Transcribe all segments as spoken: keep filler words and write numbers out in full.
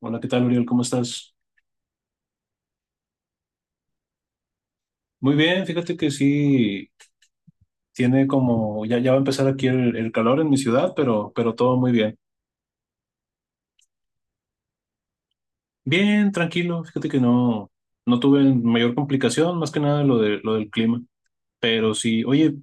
Hola, ¿qué tal, Uriel? ¿Cómo estás? Muy bien, fíjate que sí, tiene como, ya, ya va a empezar aquí el, el calor en mi ciudad, pero, pero todo muy bien. Bien, tranquilo, fíjate que no, no tuve mayor complicación, más que nada lo de, lo del clima. Pero sí, oye,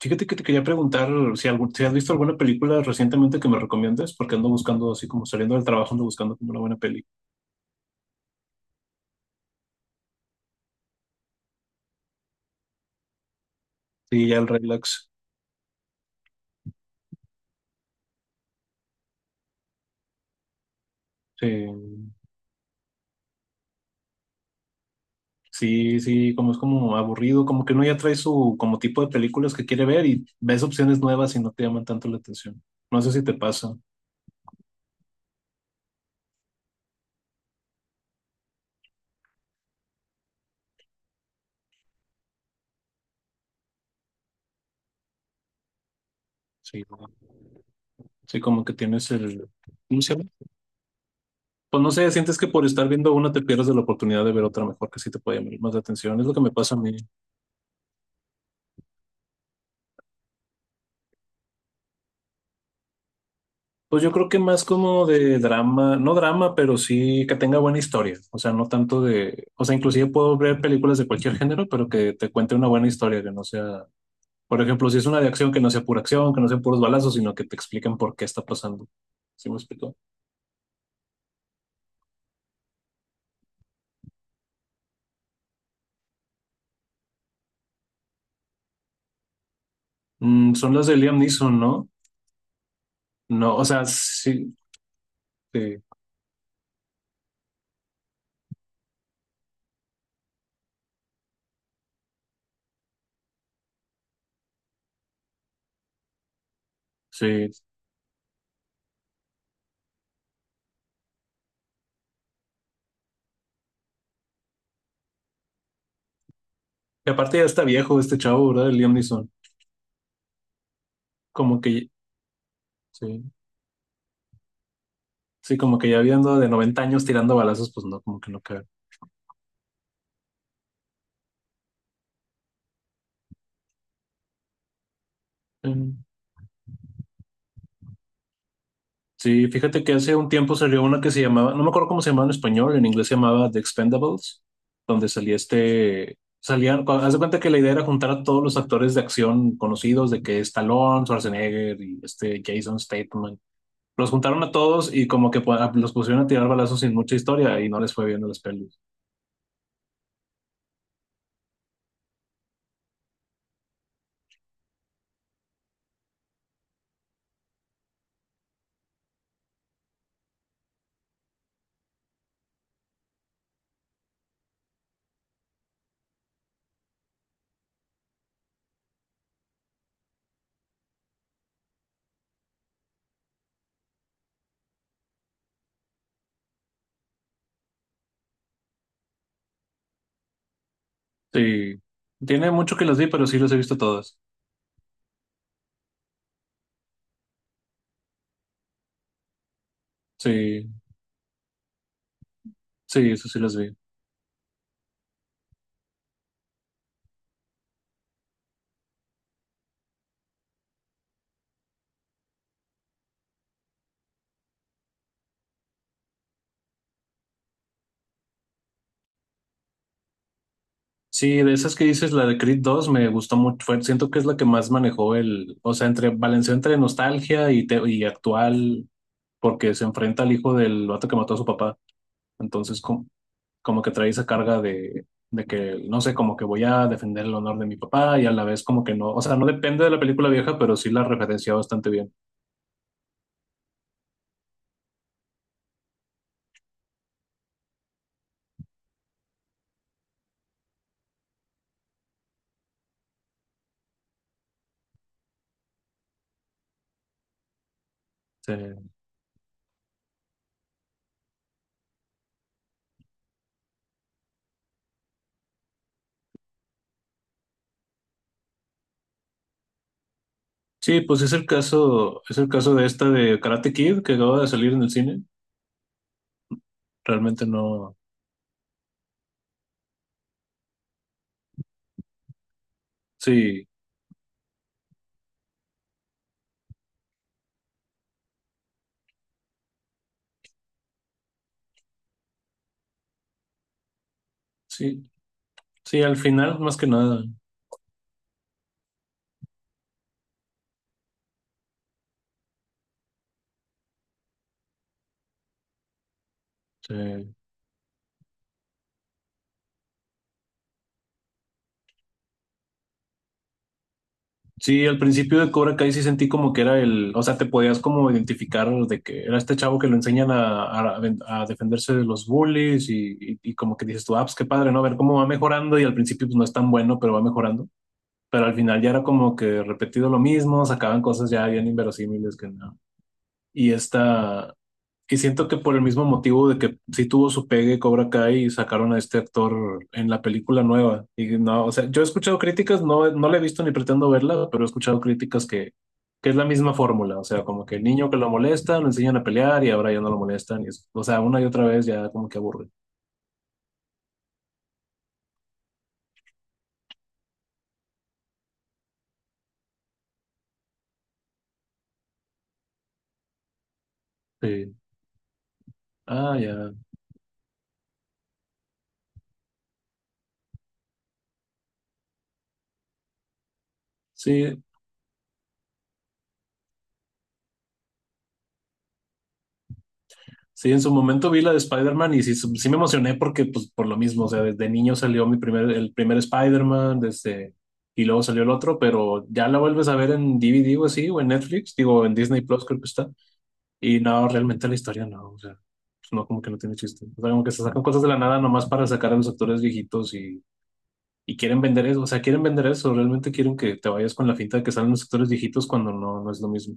fíjate que te quería preguntar si, algún, si has visto alguna película recientemente que me recomiendes, porque ando buscando, así como saliendo del trabajo, ando buscando como una buena peli. Sí, ya el relax. Sí. Sí, sí, como es como aburrido, como que uno ya trae su como tipo de películas que quiere ver y ves opciones nuevas y no te llaman tanto la atención. No sé si te pasa. Sí, ¿no? Sí, como que tienes el, ¿cómo se llama? Pues no sé, sientes que por estar viendo una te pierdes de la oportunidad de ver otra mejor que sí te puede llamar más la atención. Es lo que me pasa a mí. Pues yo creo que más como de drama, no drama, pero sí que tenga buena historia. O sea, no tanto de, o sea, inclusive puedo ver películas de cualquier género, pero que te cuente una buena historia, que no sea. Por ejemplo, si es una de acción que no sea pura acción, que no sean puros balazos, sino que te expliquen por qué está pasando. ¿Sí me explico? Mm, son las de Liam Neeson, ¿no? No, o sea, sí, sí, sí. Y aparte ya está viejo este chavo, ¿verdad? El Liam Neeson. Como que, sí, sí, como que ya viendo de noventa años tirando balazos, pues no, como que no cabe. Sí, fíjate que hace un tiempo salió una que se llamaba, no me acuerdo cómo se llamaba en español, en inglés se llamaba The Expendables, donde salía este, salían, cu- haz de cuenta que la idea era juntar a todos los actores de acción conocidos, de que Stallone, Schwarzenegger y este Jason Statham, los juntaron a todos y como que pu- los pusieron a tirar balazos sin mucha historia y no les fue bien a las pelis. Sí, tiene mucho que las vi, pero sí las he visto todas. Sí, sí, eso sí las vi. Sí, de esas que dices, la de Creed dos me gustó mucho. Fue- siento que es la que más manejó el, o sea, entre balanceó entre nostalgia y, te- y actual, porque se enfrenta al hijo del vato que mató a su papá. Entonces, com- como que trae esa carga de, de que, no sé, como que voy a defender el honor de mi papá y a la vez como que no, o sea, no depende de la película vieja, pero sí la referencia bastante bien. Sí, sí, pues es el caso, es el caso de esta de Karate Kid que acaba de salir en el cine. Realmente no, sí, sí. Sí, al final, más que nada. Sí. Sí, al principio de Cobra Kai sí sentí como que era el, o sea, te podías como identificar de que era este chavo que lo enseñan a, a- a defenderse de los bullies y, y- y como que dices tú, ah, pues qué padre, ¿no? A ver cómo va mejorando y al principio pues no es tan bueno, pero va mejorando. Pero al final ya era como que repetido lo mismo, sacaban cosas ya bien inverosímiles que no. Y esta, Y siento que por el mismo motivo de que sí tuvo su pegue Cobra Kai y sacaron a este actor en la película nueva. Y no, o sea, yo he escuchado críticas, no, no la he visto ni pretendo verla, pero he escuchado críticas que, que es la misma fórmula. O sea, como que el niño que lo molesta, lo enseñan a pelear y ahora ya no lo molestan. Y es- o sea, una y otra vez ya como que aburre. Sí. Ah, ya. Sí, sí, en su momento vi la de Spider-Man y sí, sí sí me emocioné porque, pues, por lo mismo, o sea, desde niño salió mi primer, el primer Spider-Man, desde, y luego salió el otro, pero ya la vuelves a ver en D V D o así, o en Netflix, digo, en Disney Plus creo que está, y no, realmente la historia no, o sea, pues, no, como que no tiene chiste. O sea, como que se sacan cosas de la nada nomás para sacar a los actores viejitos y, y quieren vender eso, o sea, quieren vender eso, realmente quieren que te vayas con la finta de que salen los actores viejitos cuando no, no es lo mismo.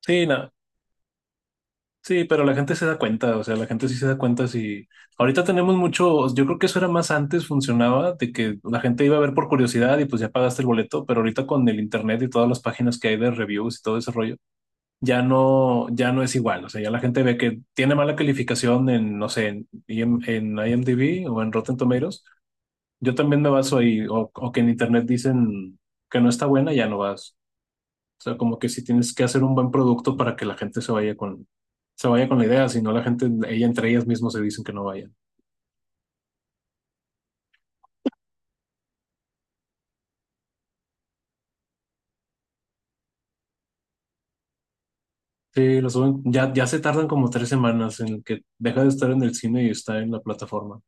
Sí, no, sí, pero la gente se da cuenta, o sea, la gente sí se da cuenta si ahorita tenemos mucho, yo creo que eso era más antes, funcionaba, de que la gente iba a ver por curiosidad y pues ya pagaste el boleto, pero ahorita con el internet y todas las páginas que hay de reviews y todo ese rollo, ya no, ya no es igual, o sea, ya la gente ve que tiene mala calificación en, no sé, en, IM en IMDb o en Rotten Tomatoes, yo también me baso ahí, o, o que en internet dicen que no está buena, ya no vas. O sea, como que si tienes que hacer un buen producto para que la gente se vaya con, se vaya con la idea, si no la gente, ella entre ellas mismas se dicen que no vayan. Sí, lo suben, ya, ya se tardan como tres semanas en que deja de estar en el cine y está en la plataforma.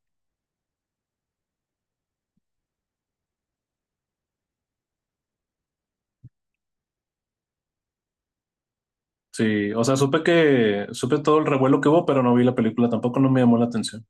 Sí, o sea, supe que, supe todo el revuelo que hubo, pero no vi la película, tampoco no me llamó la atención.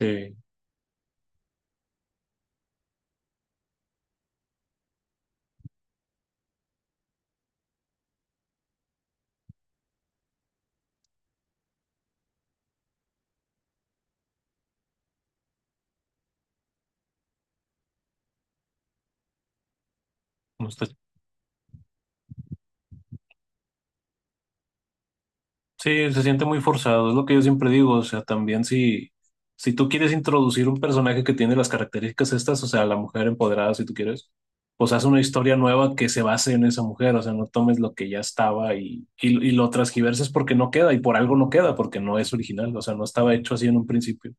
Sí, no está. Sí, se siente muy forzado, es lo que yo siempre digo, o sea, también si, si tú quieres introducir un personaje que tiene las características estas, o sea, la mujer empoderada, si tú quieres, pues haz una historia nueva que se base en esa mujer, o sea, no tomes lo que ya estaba y, y, y lo transgiverses porque no queda y por algo no queda, porque no es original, o sea, no estaba hecho así en un principio.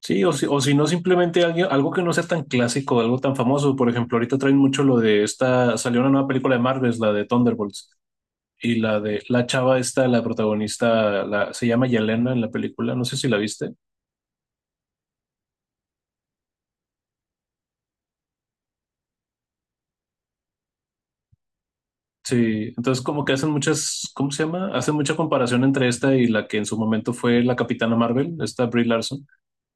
Sí, o si, o si no, simplemente alguien- algo que no sea tan clásico, algo tan famoso, por ejemplo, ahorita traen mucho lo de esta, salió una nueva película de Marvel, la de Thunderbolts. Y la de la chava esta, la protagonista, la, se llama Yelena en la película, no sé si la viste. Sí, entonces como que hacen muchas, ¿cómo se llama? Hacen mucha comparación entre esta y la que en su momento fue la Capitana Marvel, esta Brie Larson,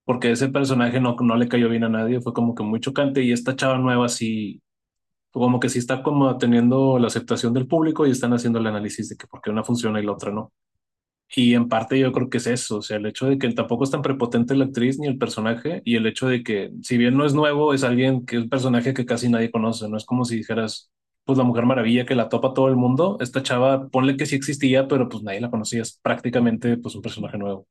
porque ese personaje no, no le cayó bien a nadie, fue como que muy chocante y esta chava nueva sí, como que sí está como teniendo la aceptación del público y están haciendo el análisis de que por qué una funciona y la otra no. Y en parte yo creo que es eso, o sea, el hecho de que él tampoco es tan prepotente la actriz ni el personaje, y el hecho de que, si bien no es nuevo, es alguien que es un personaje que casi nadie conoce, no es como si dijeras, pues la Mujer Maravilla que la topa todo el mundo, esta chava, ponle que sí existía, pero pues nadie la conocía, es prácticamente pues un personaje nuevo.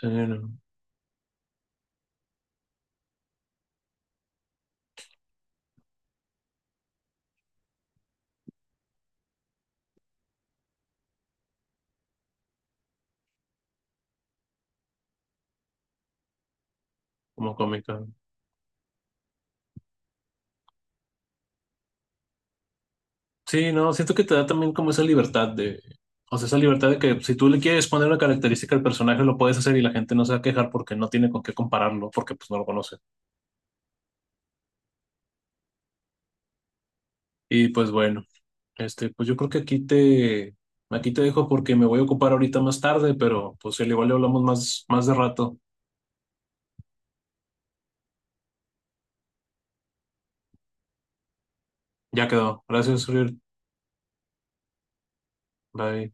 Sí, no, como cómica. Sí, no, siento que te da también como esa libertad de, o sea, esa libertad de que si tú le quieres poner una característica al personaje, lo puedes hacer y la gente no se va a quejar porque no tiene con qué compararlo, porque pues no lo conoce. Y pues bueno. Este, pues yo creo que aquí te, aquí te dejo porque me voy a ocupar ahorita más tarde, pero pues al igual le hablamos más, más de rato. Ya quedó. Gracias, Uriel. Bye.